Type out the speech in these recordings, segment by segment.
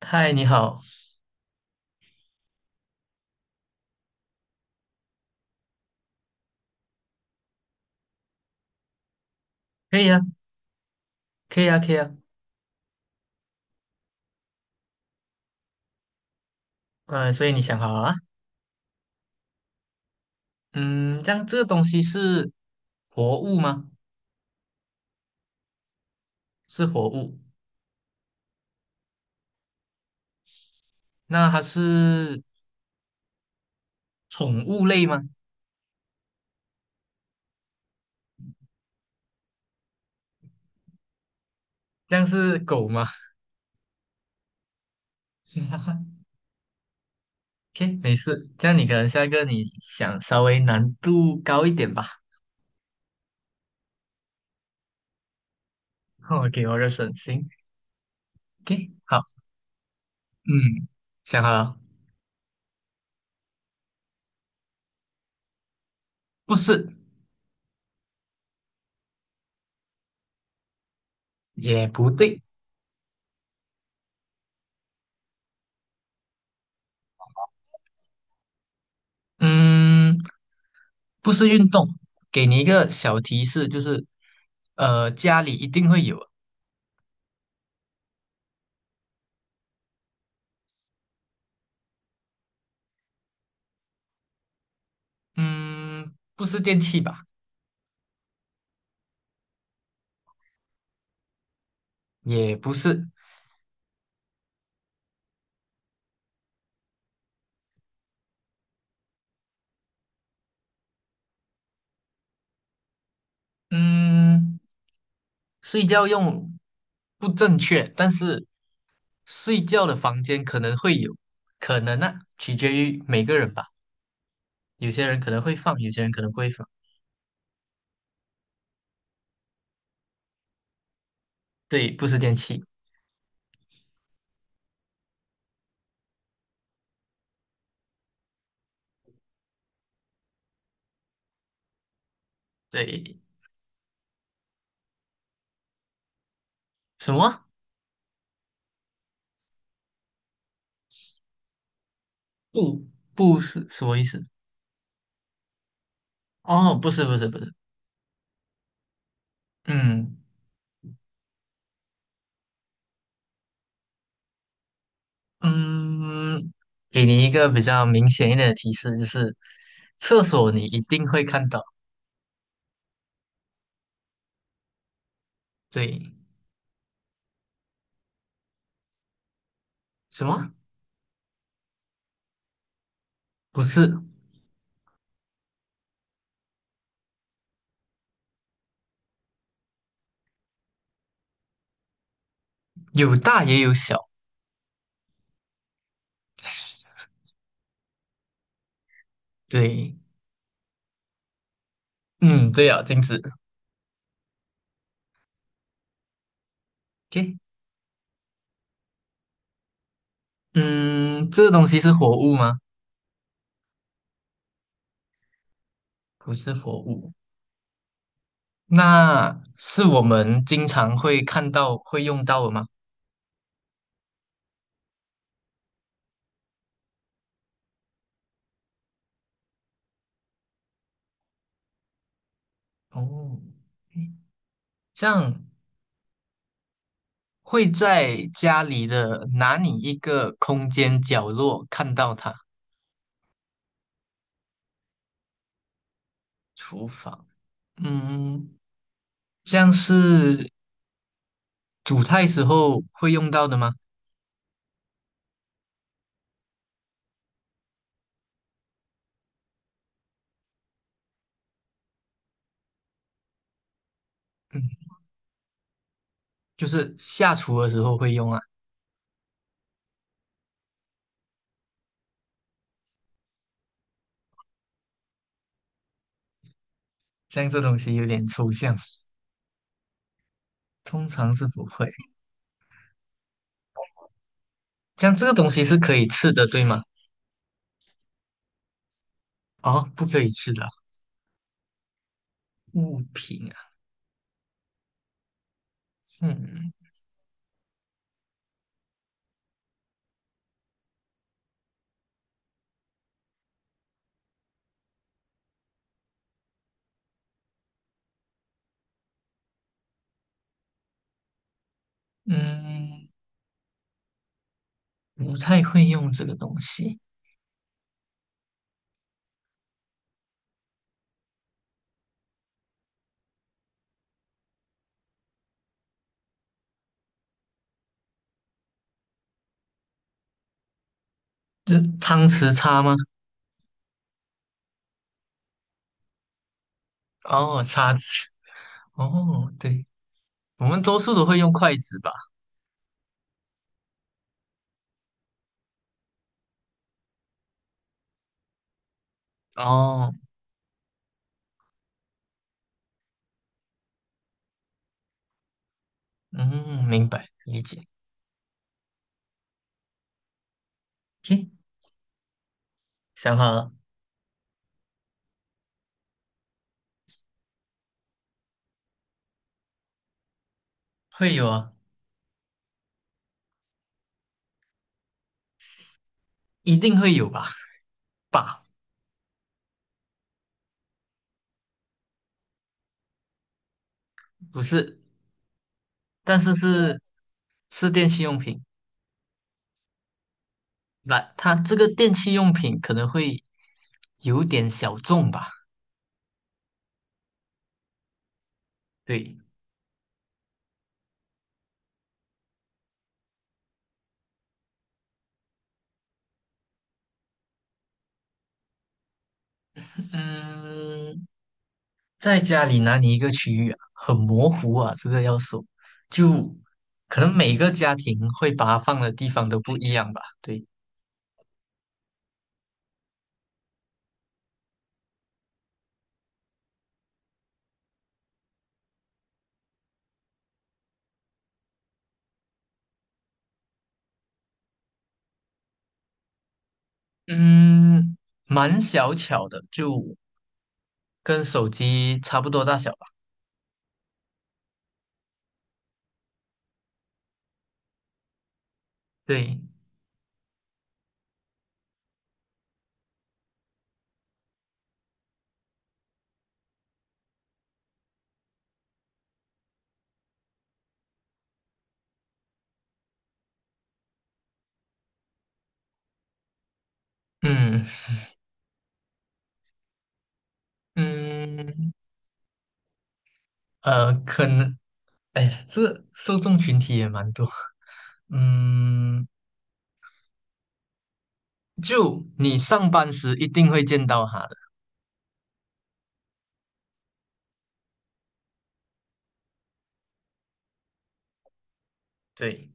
嗨，你好。可以啊，可以啊，可以啊。嗯、所以你想好了啊？嗯，这样这个东西是活物吗？是活物。那它是宠物类吗？这样是狗吗？ ？OK，没事。这样你可能下一个你想稍微难度高一点吧。o 给我个省心。 o k 好，嗯，想好了。不是，也不对。嗯，不是运动。给你一个小提示，就是家里一定会有。嗯，不是电器吧？也不是。嗯，睡觉用不正确，但是睡觉的房间可能会有。可能,取决于每个人吧。有些人可能会放，有些人可能不会放。对，不是电器。对。什么？不，不是什么意思？哦，不是，不是，不是。嗯。嗯，给你一个比较明显一点的提示，就是厕所你一定会看到。对。什么？不是。有大也有小。对，嗯，对啊，镜子。OK。嗯，这个东西是活物吗？不是活物。那是我们经常会看到、会用到的吗？哦，OK。这样会在家里的哪里一个空间角落看到它？厨房。嗯。像是煮菜时候会用到的吗？嗯，就是下厨的时候会用啊。像这东西有点抽象，通常是不会。像这个东西是可以吃的，对吗？哦，不可以吃的啊，物品啊。嗯嗯，不太会用这个东西。这汤匙叉吗？哦，叉子。哦，对。我们多数都会用筷子吧？哦。嗯，明白，理解。o 想好了。会有啊。一定会有吧？吧。不是。但是是电器用品。那它这个电器用品可能会有点小众吧？对。嗯，在家里哪里一个区域啊？很模糊啊，这个要说，就可能每个家庭会把它放的地方都不一样吧？对。嗯，蛮小巧的，就跟手机差不多大小吧？对。嗯嗯，可能。哎呀，这受众群体也蛮多。嗯，就你上班时一定会见到它的。对。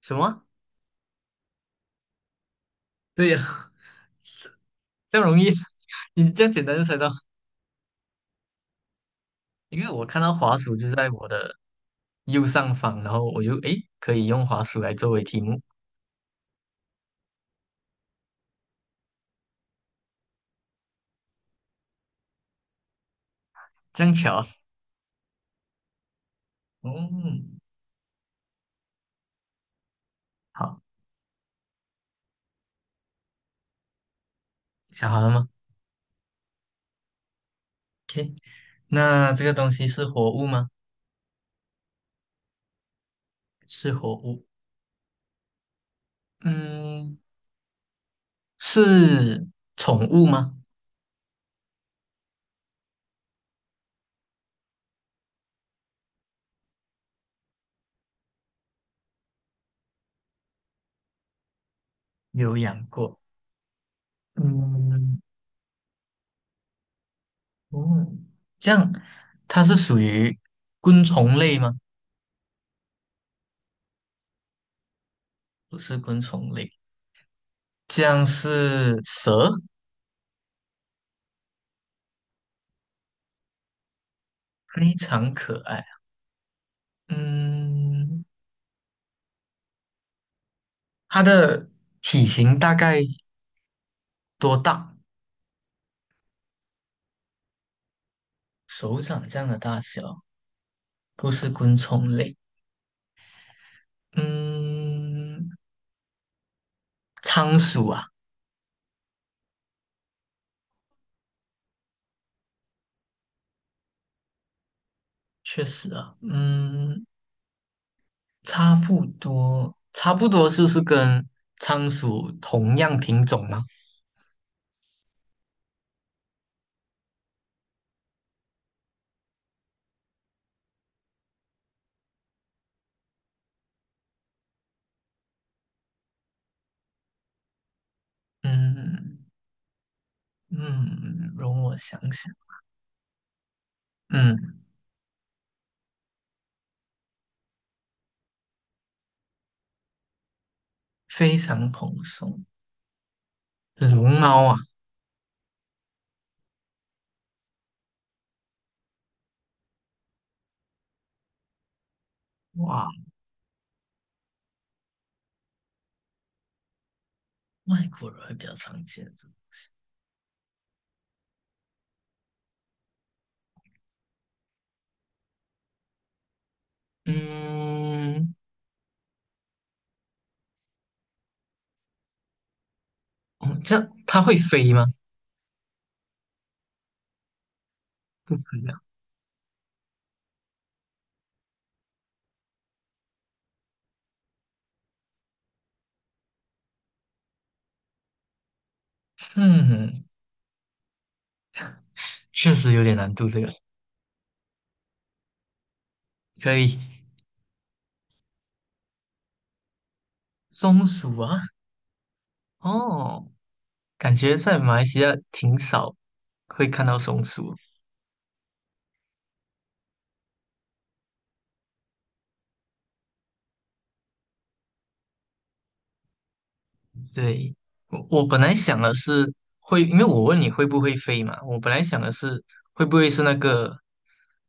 什么？对呀。这样容易。你这样简单就猜到。因为我看到滑鼠就在我的右上方，然后我就诶可以用滑鼠来作为题目。这样巧啊。哦，好，想好了吗？那这个东西是活物吗？是活物。嗯，是宠物吗？有养过。嗯，哦，这样它是属于昆虫类吗？不是昆虫类。这样是蛇，非常可爱。嗯，它的体型大概多大？手掌这样的大小。不是昆虫类。嗯，仓鼠啊。确实啊。嗯差不多，差不多是不是跟仓鼠同样品种吗？嗯嗯，容我想想。嗯，非常蓬松。龙猫啊。哇，外国人会比较常见的。嗯，哦，这样它会飞吗？不飞啊。嗯，确实有点难度，这个可以。松鼠啊。哦，感觉在马来西亚挺少会看到松鼠。对。我本来想的是会，因为我问你会不会飞嘛，我本来想的是会不会是那个，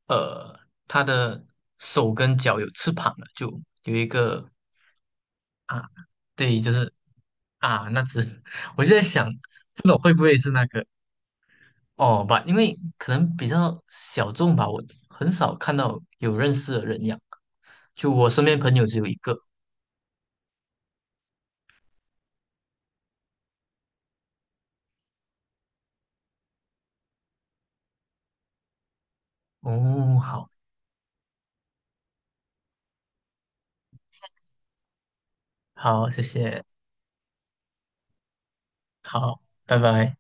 呃，它的手跟脚有翅膀了，就有一个啊，对，就是啊那只。我就在想，不懂会不会是那个哦吧，因为可能比较小众吧，我很少看到有认识的人养，就我身边朋友只有一个。哦，好。好，谢谢。好，拜拜。